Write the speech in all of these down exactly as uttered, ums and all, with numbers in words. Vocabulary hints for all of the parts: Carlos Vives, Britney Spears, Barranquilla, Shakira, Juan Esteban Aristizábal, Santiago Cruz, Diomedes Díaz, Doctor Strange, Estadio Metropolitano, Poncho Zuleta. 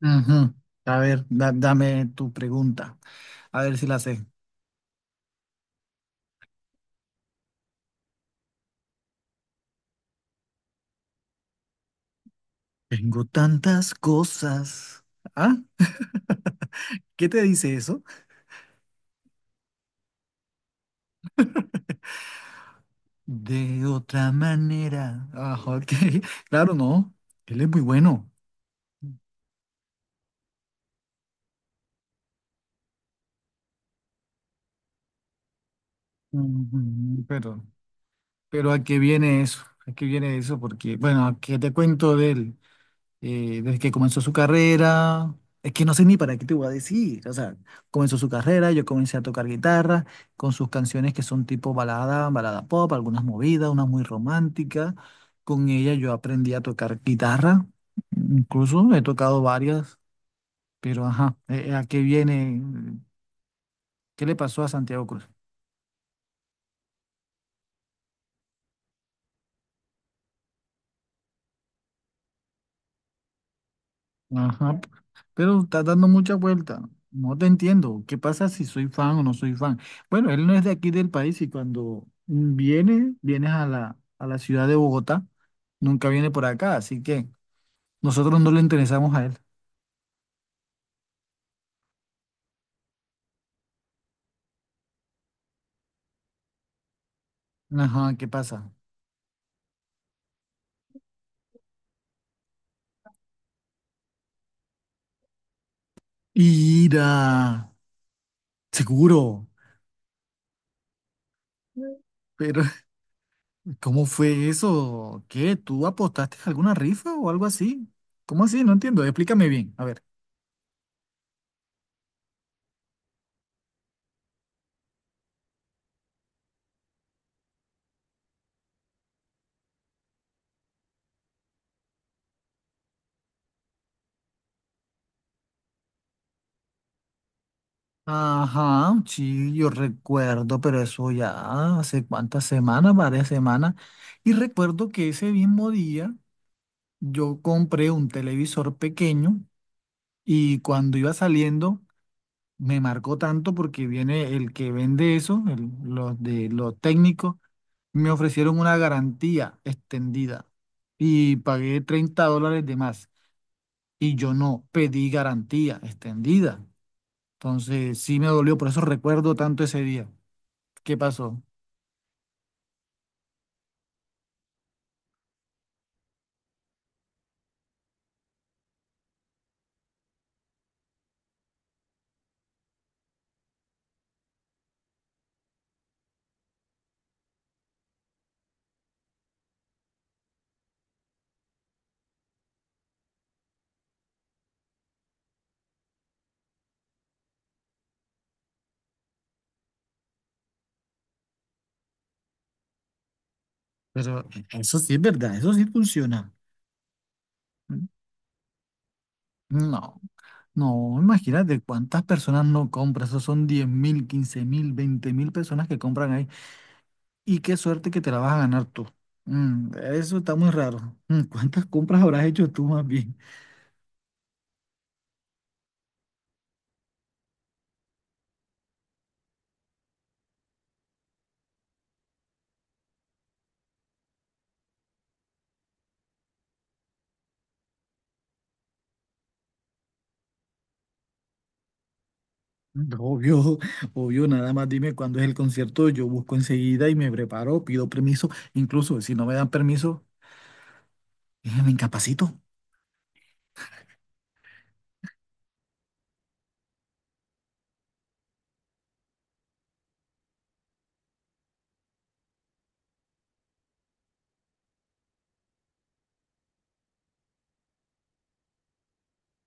Ujú. A ver, da- dame tu pregunta. A ver si la sé. Tengo tantas cosas. ¿Ah? ¿Qué te dice eso? De otra manera. Ah, ok. Claro, no. Él es muy bueno. Ujú. Pero, pero ¿a qué viene eso? ¿A qué viene eso? Porque, bueno, ¿a qué te cuento de él? eh, desde que comenzó su carrera. Es que no sé ni para qué te voy a decir. O sea, comenzó su carrera, yo comencé a tocar guitarra con sus canciones que son tipo balada, balada pop, algunas movidas, unas muy románticas. Con ella yo aprendí a tocar guitarra, incluso he tocado varias, pero ajá, eh, eh, ¿a qué viene? ¿Qué le pasó a Santiago Cruz? Ajá, pero estás dando mucha vuelta. No te entiendo. ¿Qué pasa si soy fan o no soy fan? Bueno, él no es de aquí del país y cuando mm, viene, vienes a la, a la ciudad de Bogotá, nunca viene por acá, así que nosotros no le interesamos a él. Ajá, ¿qué pasa? Ira, seguro. Pero, ¿cómo fue eso? ¿Qué? ¿Tú apostaste a alguna rifa o algo así? ¿Cómo así? No entiendo. Explícame bien. A ver. Ajá, sí, yo recuerdo, pero eso ya hace cuántas semanas, varias semanas. Y recuerdo que ese mismo día yo compré un televisor pequeño y cuando iba saliendo me marcó tanto porque viene el que vende eso, el- los de los técnicos, me ofrecieron una garantía extendida y pagué treinta dólares de más y yo no pedí garantía extendida. Entonces sí me dolió, por eso recuerdo tanto ese día. ¿Qué pasó? Pero eso sí es verdad, eso sí funciona. No, no, imagínate cuántas personas no compran, eso son diez mil, quince mil, veinte mil personas que compran ahí y qué suerte que te la vas a ganar tú. Mm, eso está muy raro. Mm, ¿cuántas compras habrás hecho tú más bien? Mm, Obvio, obvio, nada más dime cuándo es el concierto, yo busco enseguida y me preparo, pido permiso, incluso si no me dan permiso, eh, me incapacito.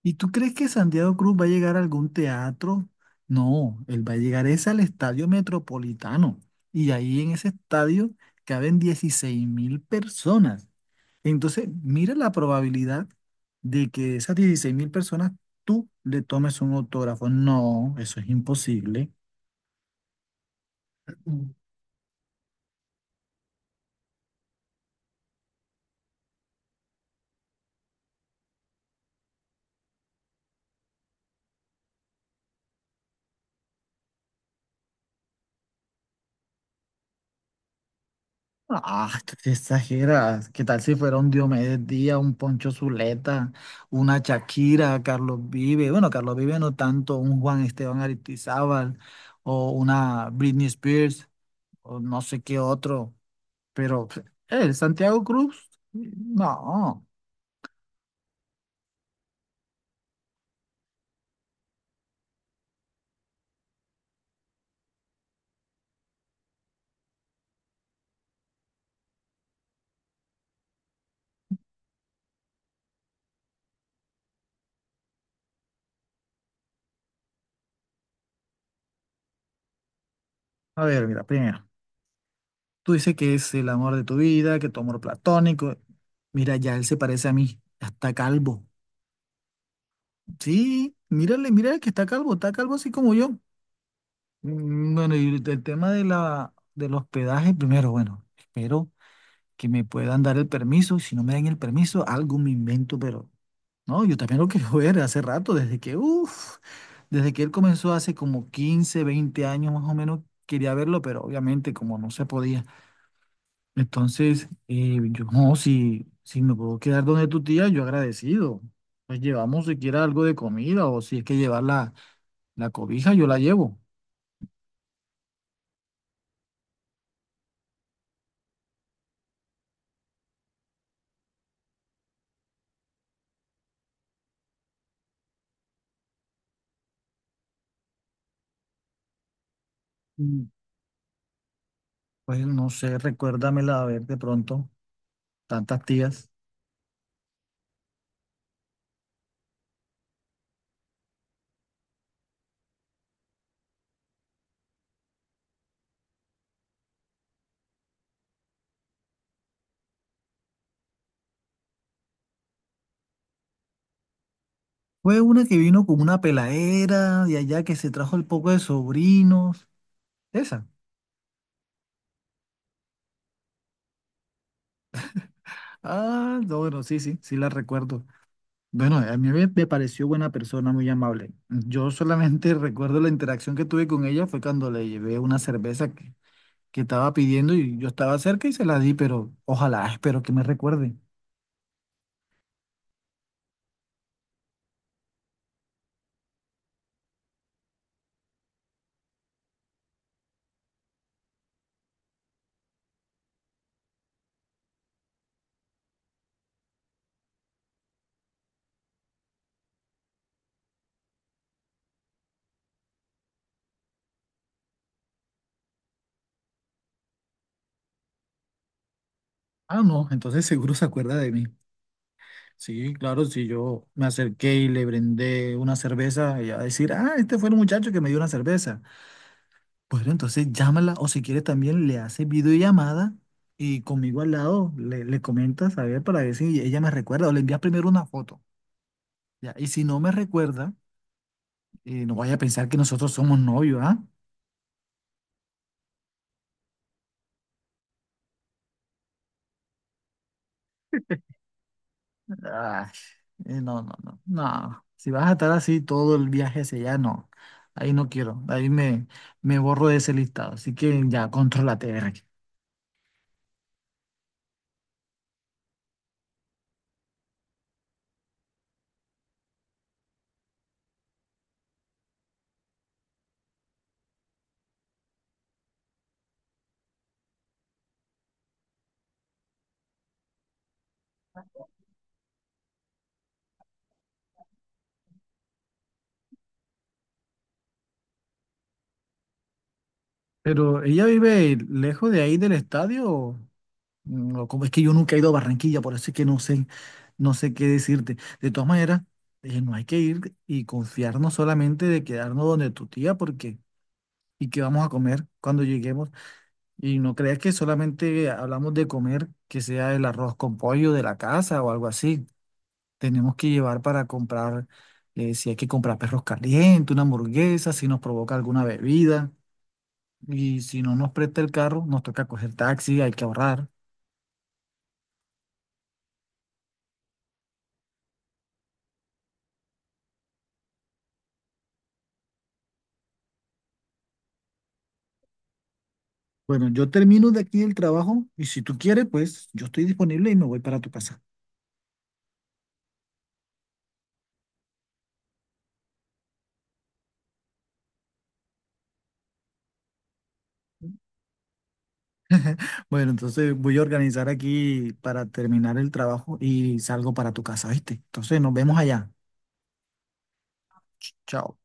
¿Y tú crees que Santiago Cruz va a llegar a algún teatro? No, él va a llegar es al Estadio Metropolitano. Y ahí en ese estadio caben dieciséis mil personas. Entonces, mira la probabilidad de que de esas dieciséis mil personas tú le tomes un autógrafo. No, eso es imposible. Ah, tú te exageras. ¿Qué tal si fuera un Diomedes Díaz, un Poncho Zuleta, una Shakira, Carlos Vive? Bueno, Carlos Vive no tanto, un Juan Esteban Aristizábal o una Britney Spears o no sé qué otro. Pero pf, el Santiago Cruz, no. A ver, mira, primero, tú dices que es el amor de tu vida, que tu amor platónico. Mira, ya él se parece a mí, ya está calvo. Sí, mírale, mírale que está calvo, está calvo así como yo. Mm, Bueno, y ahorita el tema de la, del hospedaje, primero, bueno, espero que me puedan dar el permiso. Si no me dan el permiso, algo me invento, pero no, yo también lo quiero ver hace rato, desde que, uff, desde que él comenzó hace como quince veinte años más o menos, quería verlo, pero obviamente como no se podía. Entonces, eh, yo no, si, si me puedo quedar donde tu tía, yo agradecido. Pues llevamos siquiera algo de comida o si es que llevar la, la cobija, yo la llevo. Pues no sé, recuérdamela a ver de pronto, tantas tías. Fue una que vino con una peladera de allá que se trajo el poco de sobrinos. Esa. Ah, no, bueno, sí, sí, sí la recuerdo. Bueno, a mí me, me pareció buena persona, muy amable. Yo solamente recuerdo la interacción que tuve con ella fue cuando le llevé una cerveza que, que estaba pidiendo y yo estaba cerca y se la di, pero ojalá, espero que me recuerde. Ah, no, entonces seguro se acuerda de mí. Sí, claro, si yo me acerqué y le brindé una cerveza, ella va a decir, ah, este fue el muchacho que me dio una cerveza. Bueno, entonces llámala o si quieres también le haces videollamada y conmigo al lado le, le comentas, a ver, para ver si ella me recuerda o le envías primero una foto. Ya, y si no me recuerda, eh, no vaya a pensar que nosotros somos novios, ¿ah? Ay, eh, no, no, no, no. Si vas a estar así todo el viaje ese, ya no. Ahí no quiero, ahí me, me borro de ese listado. Así que ya, contrólate, Berry. Pero ella vive lejos de ahí del estadio, o mm, o como es que yo nunca he ido a Barranquilla, por eso es que no sé, no sé qué decirte. De todas maneras, eh, no hay que ir y confiarnos solamente de quedarnos donde tu tía, porque y qué vamos a comer cuando lleguemos. Y no creas que solamente hablamos de comer, que sea el arroz con pollo de la casa o algo así. Tenemos que llevar para comprar, eh, si hay que comprar perros calientes, una hamburguesa, si nos provoca alguna bebida. Y si no nos presta el carro, nos toca coger taxi, hay que ahorrar. Bueno, yo termino de aquí el trabajo y si tú quieres, pues yo estoy disponible y me voy para tu casa. Bueno, entonces voy a organizar aquí para terminar el trabajo y salgo para tu casa, ¿viste? Entonces nos vemos allá. Ch- Chao.